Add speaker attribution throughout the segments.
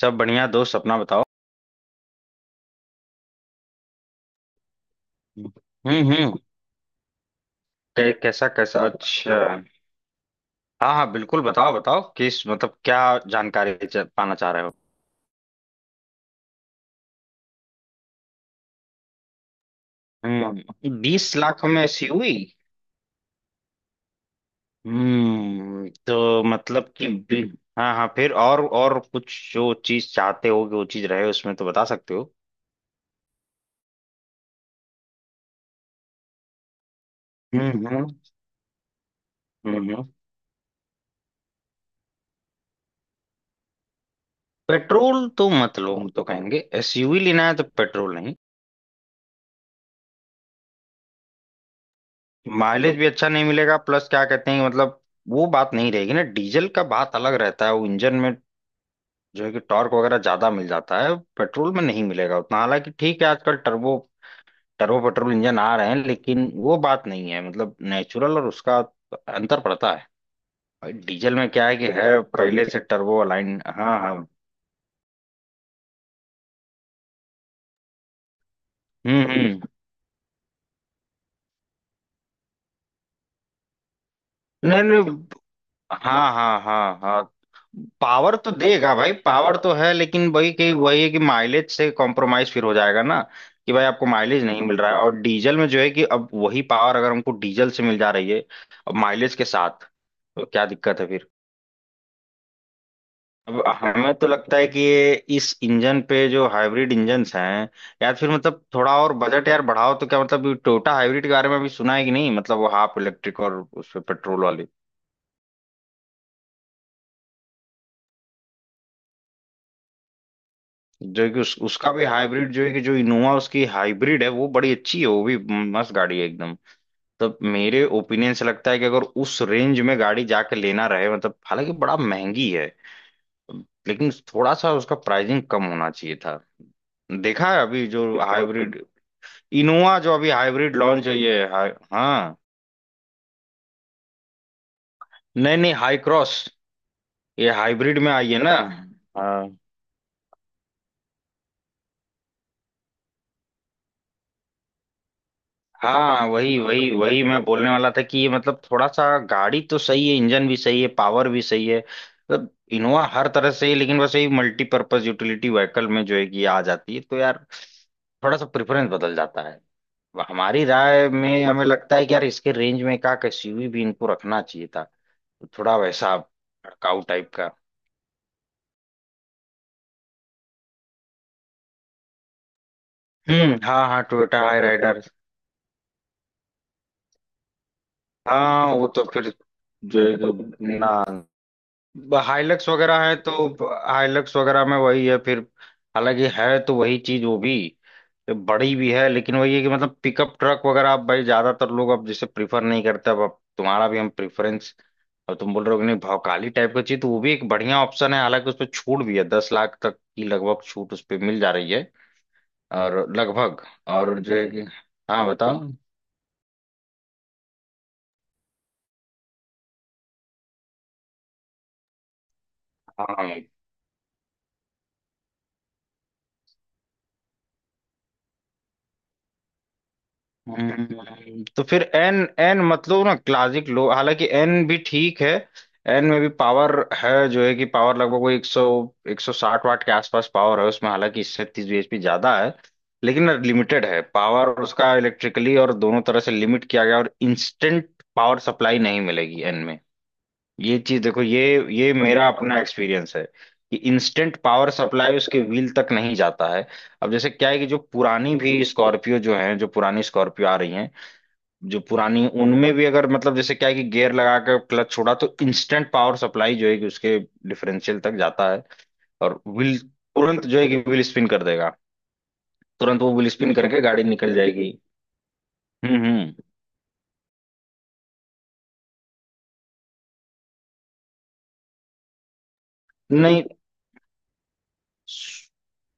Speaker 1: सब बढ़िया दोस्त। अपना बताओ। हम्म। कैसा कैसा? अच्छा। हाँ हाँ, बिल्कुल बताओ बताओ। किस मतलब, क्या जानकारी पाना चाह रहे हो? हम्म। 20 लाख में ऐसी हुई? हम्म, तो मतलब कि। हाँ हाँ, फिर और कुछ जो चीज चाहते हो कि वो चीज रहे उसमें तो बता सकते हो। हम्म हम्म हम्म, हम्म। पेट्रोल तो मत लो। हम तो कहेंगे एसयूवी लेना है तो पेट्रोल नहीं। माइलेज भी अच्छा नहीं मिलेगा, प्लस क्या कहते हैं, मतलब वो बात नहीं रहेगी ना। डीजल का बात अलग रहता है वो इंजन में, जो है कि टॉर्क वगैरह ज्यादा मिल जाता है, पेट्रोल में नहीं मिलेगा उतना। हालांकि ठीक है, आजकल टर्बो टर्बो पेट्रोल इंजन आ रहे हैं, लेकिन वो बात नहीं है, मतलब नेचुरल, और उसका अंतर पड़ता है। भाई डीजल में क्या है कि है पहले से टर्बो अलाइन। हाँ हाँ। हम्म। नहीं नहीं। हाँ हाँ हाँ हाँ। पावर तो देगा भाई, पावर तो है, लेकिन वही है कि माइलेज से कॉम्प्रोमाइज फिर हो जाएगा ना। कि भाई आपको माइलेज नहीं मिल रहा है, और डीजल में जो है कि अब वही पावर अगर हमको डीजल से मिल जा रही है अब माइलेज के साथ, तो क्या दिक्कत है फिर। अब हमें तो लगता है कि ये इस इंजन पे जो हाइब्रिड इंजन्स हैं, यार फिर मतलब थोड़ा और बजट यार बढ़ाओ तो क्या। मतलब टोयोटा हाइब्रिड के बारे में अभी सुना है कि नहीं, मतलब वो हाफ इलेक्ट्रिक और उस पे पेट्रोल वाली। जो कि उसका भी हाइब्रिड जो है कि, जो इनोवा उसकी हाइब्रिड है वो बड़ी अच्छी है। वो भी मस्त गाड़ी है एकदम। तब मेरे ओपिनियन से लगता है कि अगर उस रेंज में गाड़ी जाके लेना रहे, मतलब हालांकि बड़ा महंगी है, लेकिन थोड़ा सा उसका प्राइसिंग कम होना चाहिए था। देखा है अभी जो हाइब्रिड इनोवा जो अभी हाइब्रिड लॉन्च हुई है हाँ। नहीं नहीं, हाई क्रॉस। ये हाइब्रिड में आई है ना। हाँ हाँ। वही वही वही, मैं बोलने वाला था कि ये मतलब थोड़ा सा गाड़ी तो सही है, इंजन भी सही है, पावर भी सही है मतलब इनोवा हर तरह से ही, लेकिन बस यही मल्टीपर्पज यूटिलिटी व्हीकल में जो है कि आ जाती है, तो यार थोड़ा सा प्रेफरेंस बदल जाता है। हमारी राय में हमें लगता है कि यार इसके रेंज में का एसयूवी भी इनको रखना चाहिए था, तो थोड़ा वैसा भड़काऊ टाइप का। हम्म। हाँ हाँ, टोयोटा हाई राइडर। हाँ वो तो फिर जो है कि ना, हाइलक्स वगैरह है, तो हाइलक्स वगैरह में वही है फिर। हालांकि है तो वही चीज वो भी, बड़ी भी है, लेकिन वही है कि मतलब पिकअप ट्रक वगैरह अब भाई ज्यादातर लोग अब जैसे प्रीफर नहीं करते। अब तुम्हारा भी हम प्रेफरेंस। अब तुम बोल रहे हो कि नहीं भौकाली टाइप का चीज, तो वो भी एक बढ़िया ऑप्शन है। हालांकि उस पर छूट भी है, 10 लाख तक की लगभग छूट उस पर मिल जा रही है। और लगभग, और जो है कि। हाँ बताओ। हाँ। तो फिर एन एन मतलब ना क्लासिक लो, हालांकि एन भी ठीक है। एन में भी पावर है जो है कि, पावर लगभग वो एक सौ साठ वाट के आसपास पावर है उसमें, हालांकि इससे 30 bhp ज्यादा है, लेकिन लिमिटेड है पावर उसका। इलेक्ट्रिकली और दोनों तरह से लिमिट किया गया, और इंस्टेंट पावर सप्लाई नहीं मिलेगी एन में। ये चीज देखो, ये मेरा अपना एक्सपीरियंस है कि इंस्टेंट पावर सप्लाई उसके व्हील तक नहीं जाता है। अब जैसे क्या है कि जो पुरानी भी स्कॉर्पियो जो है, जो पुरानी स्कॉर्पियो आ रही हैं, जो पुरानी उनमें भी अगर, मतलब जैसे क्या है कि गियर लगा कर क्लच छोड़ा तो इंस्टेंट पावर सप्लाई जो है कि उसके डिफरेंशियल तक जाता है, और व्हील तुरंत जो है कि व्हील स्पिन कर देगा। तुरंत वो व्हील स्पिन करके गाड़ी निकल जाएगी। हम्म। नहीं। स-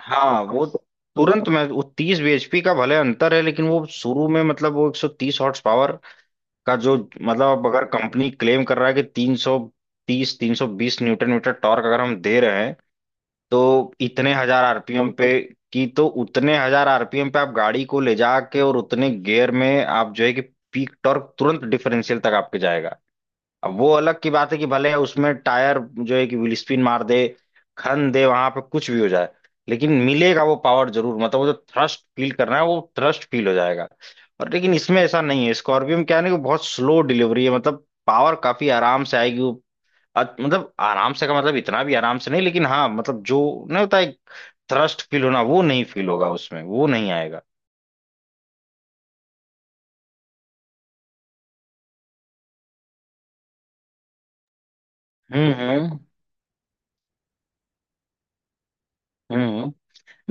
Speaker 1: हाँ वो। तुरंत में वो 30 bhp का भले अंतर है, लेकिन वो शुरू में मतलब वो 130 हॉर्स पावर का जो मतलब। अब अगर कंपनी क्लेम कर रहा है कि 330 320 न्यूटन मीटर टॉर्क अगर हम दे रहे हैं, तो इतने हजार आरपीएम पे की, तो उतने हजार आरपीएम पे आप गाड़ी को ले जाके और उतने गियर में आप जो है कि पीक टॉर्क तुरंत डिफरेंशियल तक आपके जाएगा। अब वो अलग की बात है कि भले उसमें टायर जो है कि व्हील स्पिन मार दे, खन दे, वहां पे कुछ भी हो जाए, लेकिन मिलेगा वो पावर जरूर, मतलब वो जो थ्रस्ट फील करना है वो थ्रस्ट फील हो जाएगा। और लेकिन इसमें ऐसा नहीं है, स्कॉर्पियो में क्या है ना कि बहुत स्लो डिलीवरी है, मतलब पावर काफी आराम से आएगी। मतलब आराम से का मतलब इतना भी आराम से नहीं, लेकिन हाँ मतलब जो नहीं होता एक थ्रस्ट फील होना वो नहीं फील होगा उसमें, वो नहीं आएगा। हम्म हम्म हम्म।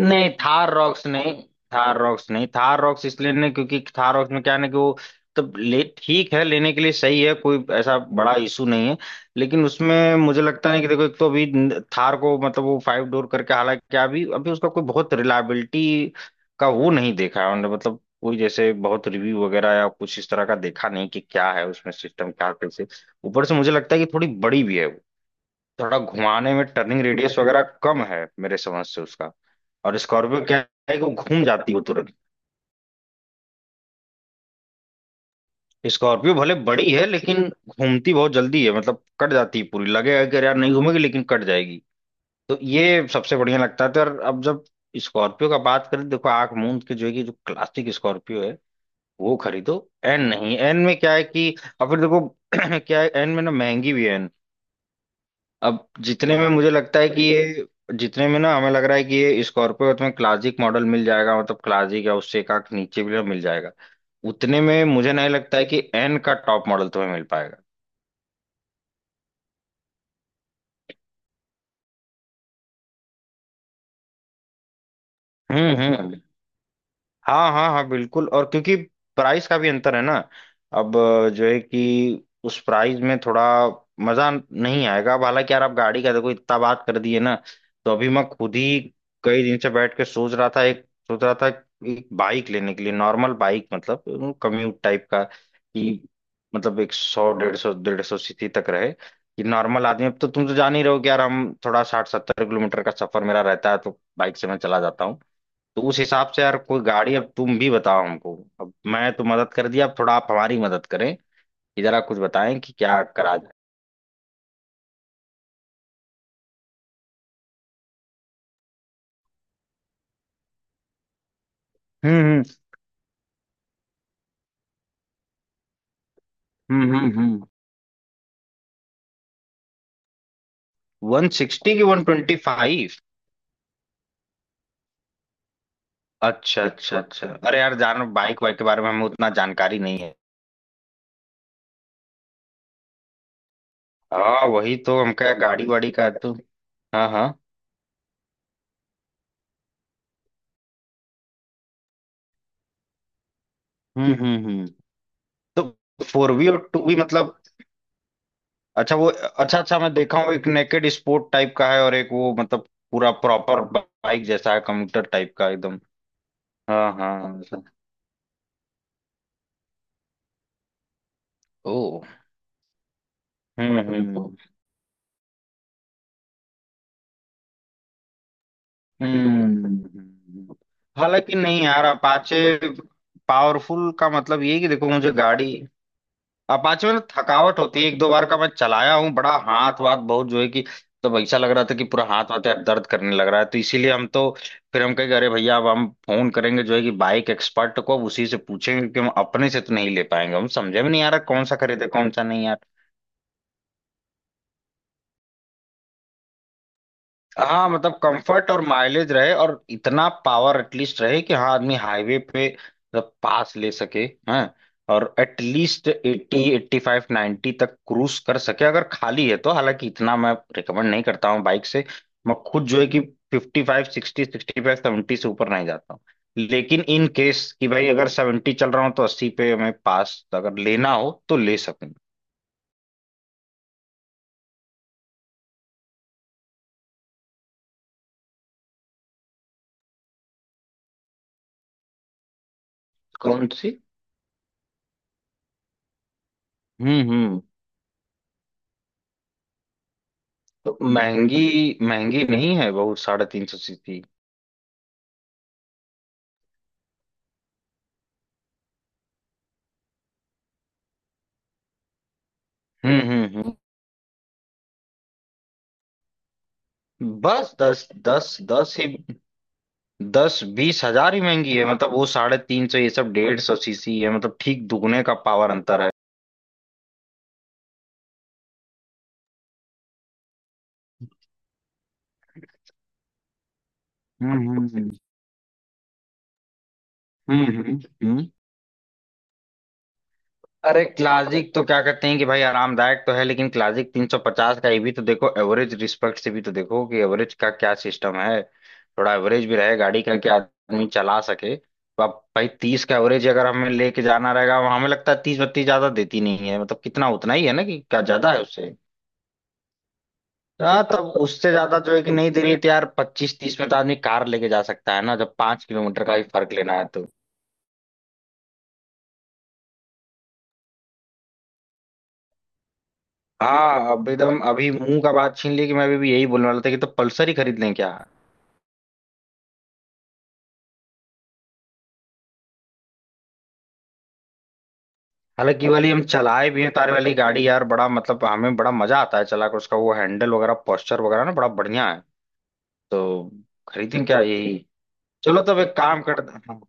Speaker 1: नहीं थार रॉक्स नहीं, थार रॉक्स नहीं, थार रॉक्स इसलिए नहीं क्योंकि थार रॉक्स में क्या है ना कि वो तब ले ठीक है, लेने के लिए सही है, कोई ऐसा बड़ा इशू नहीं है, लेकिन उसमें मुझे लगता नहीं कि देखो। एक तो अभी थार को मतलब वो फाइव डोर करके, हालांकि अभी अभी उसका कोई बहुत रिलायबिलिटी का वो नहीं देखा है हमने, मतलब कोई जैसे बहुत रिव्यू वगैरह या कुछ इस तरह का देखा नहीं कि क्या है उसमें, सिस्टम क्या कैसे। ऊपर से मुझे लगता है कि थोड़ी बड़ी भी है, थोड़ा घुमाने में टर्निंग रेडियस वगैरह कम है मेरे समझ से उसका। और स्कॉर्पियो क्या है कि वो घूम जाती है तुरंत। स्कॉर्पियो भले बड़ी है लेकिन घूमती बहुत जल्दी है, मतलब कट जाती है पूरी। लगेगा कि अरे यार नहीं घूमेगी, लेकिन कट जाएगी। तो ये सबसे बढ़िया लगता था। और अब जब स्कॉर्पियो का बात करें, देखो आंख मूंद के जो है कि जो क्लासिक स्कॉर्पियो है वो खरीदो। एन नहीं। एन में क्या है कि, और फिर देखो क्या है एन में ना, महंगी भी है। अब जितने में मुझे लगता है कि ये, जितने में ना हमें लग रहा है कि ये स्कॉर्पियो तुम्हें क्लासिक मॉडल मिल जाएगा, मतलब क्लासिक या उससे एक आंख नीचे भी मिल जाएगा। उतने में मुझे नहीं लगता है कि एन का टॉप मॉडल तुम्हें मिल पाएगा। हम्म, हाँ हाँ हाँ, बिल्कुल। और क्योंकि प्राइस का भी अंतर है ना। अब जो है कि उस प्राइस में थोड़ा मजा नहीं आएगा। अब हालांकि यार आप गाड़ी का देखो इतना बात कर दिए ना, तो अभी मैं खुद ही कई दिन से बैठ के सोच रहा था, एक बाइक लेने के लिए, नॉर्मल बाइक, मतलब कम्यूट टाइप का कि मतलब एक सौ डेढ़ सौ सीसी तक रहे कि नॉर्मल आदमी। अब तो तुम तो जान ही रहो कि यार हम थोड़ा 60 70 किलोमीटर का सफर मेरा रहता है, तो बाइक से मैं चला जाता हूँ। तो उस हिसाब से यार कोई गाड़ी अब तुम भी बताओ हमको। अब मैं तो मदद कर दिया, अब थोड़ा आप हमारी मदद करें, कि जरा कुछ बताएं कि क्या करा जाए। हम्म हम्म। 160 की 125? अच्छा अच्छा अच्छा, अरे यार जान बाइक वाइक के बारे में हमें उतना जानकारी नहीं है। हाँ वही तो, हम क्या गाड़ी वाड़ी का तो। हाँ हाँ। हम्म। तो फोर वी और टू वी मतलब? अच्छा अच्छा, मैं देखा हूँ, एक नेकेड स्पोर्ट टाइप का है और एक वो मतलब पूरा प्रॉपर बाइक जैसा है कम्यूटर टाइप का एकदम। हाँ हाँ ऐसा। ओ। हम्म हम्म हम्म। हालांकि नहीं यार अपाचे। पावरफुल का मतलब ये है कि देखो मुझे गाड़ी, अपाचे में ना थकावट होती है, एक दो बार का मैं चलाया हूँ, बड़ा हाथ वाथ बहुत जो है कि। तो ऐसा लग रहा था कि पूरा हाथ वाथ यार दर्द करने लग रहा है, तो इसीलिए हम तो फिर हम कहेंगे अरे भैया अब हम फोन करेंगे जो है कि बाइक एक्सपर्ट को, अब उसी से पूछेंगे, कि हम अपने से तो नहीं ले पाएंगे, हम समझे में नहीं आ रहा कौन सा खरीदे कौन सा नहीं। हाँ मतलब कंफर्ट और माइलेज रहे, और इतना पावर एटलीस्ट रहे कि हाँ आदमी हाईवे पे मतलब पास ले सके। हैं, और एटलीस्ट 80 85 90 तक क्रूज कर सके अगर खाली है तो, हालांकि इतना मैं रिकमेंड नहीं करता हूँ बाइक से। मैं खुद जो है कि 55 60 65 70 से ऊपर नहीं जाता हूँ। लेकिन इन केस कि भाई अगर 70 चल रहा हूँ तो 80 पे मैं पास अगर लेना हो तो ले सकूँ। कौन सी? हम्म। तो महंगी, महंगी नहीं है बहुत, 350 सीसी? हम्म हम्म हम्म। बस दस दस दस ही, 10 20 हजार ही महंगी है, मतलब वो 350, ये सब 150 सीसी है, मतलब ठीक दुगने का पावर अंतर है। हम्म हम्म हम्म हम्म हम्म, हम्म। अरे क्लासिक तो क्या कहते हैं कि भाई आरामदायक तो है, लेकिन क्लासिक 350 का ये भी तो देखो, एवरेज रिस्पेक्ट से भी तो देखो कि एवरेज का क्या सिस्टम है। थोड़ा एवरेज भी रहे गाड़ी का कि आदमी चला सके। तो अब भाई 30 का एवरेज अगर हमें लेके जाना रहेगा, हमें लगता है 30 32 ज्यादा देती नहीं है, मतलब कितना उतना ही है ना, कि क्या ज्यादा है उससे। हाँ तब उससे ज्यादा जो है कि नहीं दे रही, तो यार 25 30 में तो आदमी कार लेके जा सकता है ना, जब 5 किलोमीटर का ही फर्क लेना है तो। हाँ अब एकदम अभी मुंह का बात छीन ली, कि मैं अभी भी यही बोलने वाला था कि तो पल्सर ही खरीद लें क्या? हालांकि ये वाली हम चलाए भी हैं, तार वाली गाड़ी यार बड़ा मतलब हमें बड़ा मजा आता है चला कर, उसका वो हैंडल वगैरह पोस्चर वगैरह ना बड़ा बढ़िया है। तो खरीदें क्या यही? चलो तब एक काम करते हैं।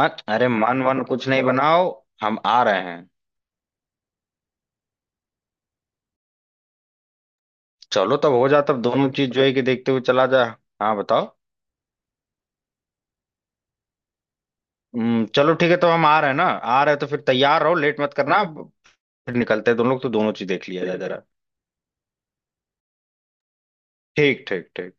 Speaker 1: मत, अरे मन वन कुछ नहीं बनाओ, हम आ रहे हैं। चलो तब हो जाए तब दोनों चीज जो है कि देखते हुए चला जाए। हाँ बताओ। चलो ठीक है तो हम आ रहे हैं ना, आ रहे हैं तो फिर तैयार रहो, लेट मत करना अब। फिर निकलते हैं दोनों लोग, तो दोनों चीज देख लिया जाए जरा। ठीक ठीक ठीक।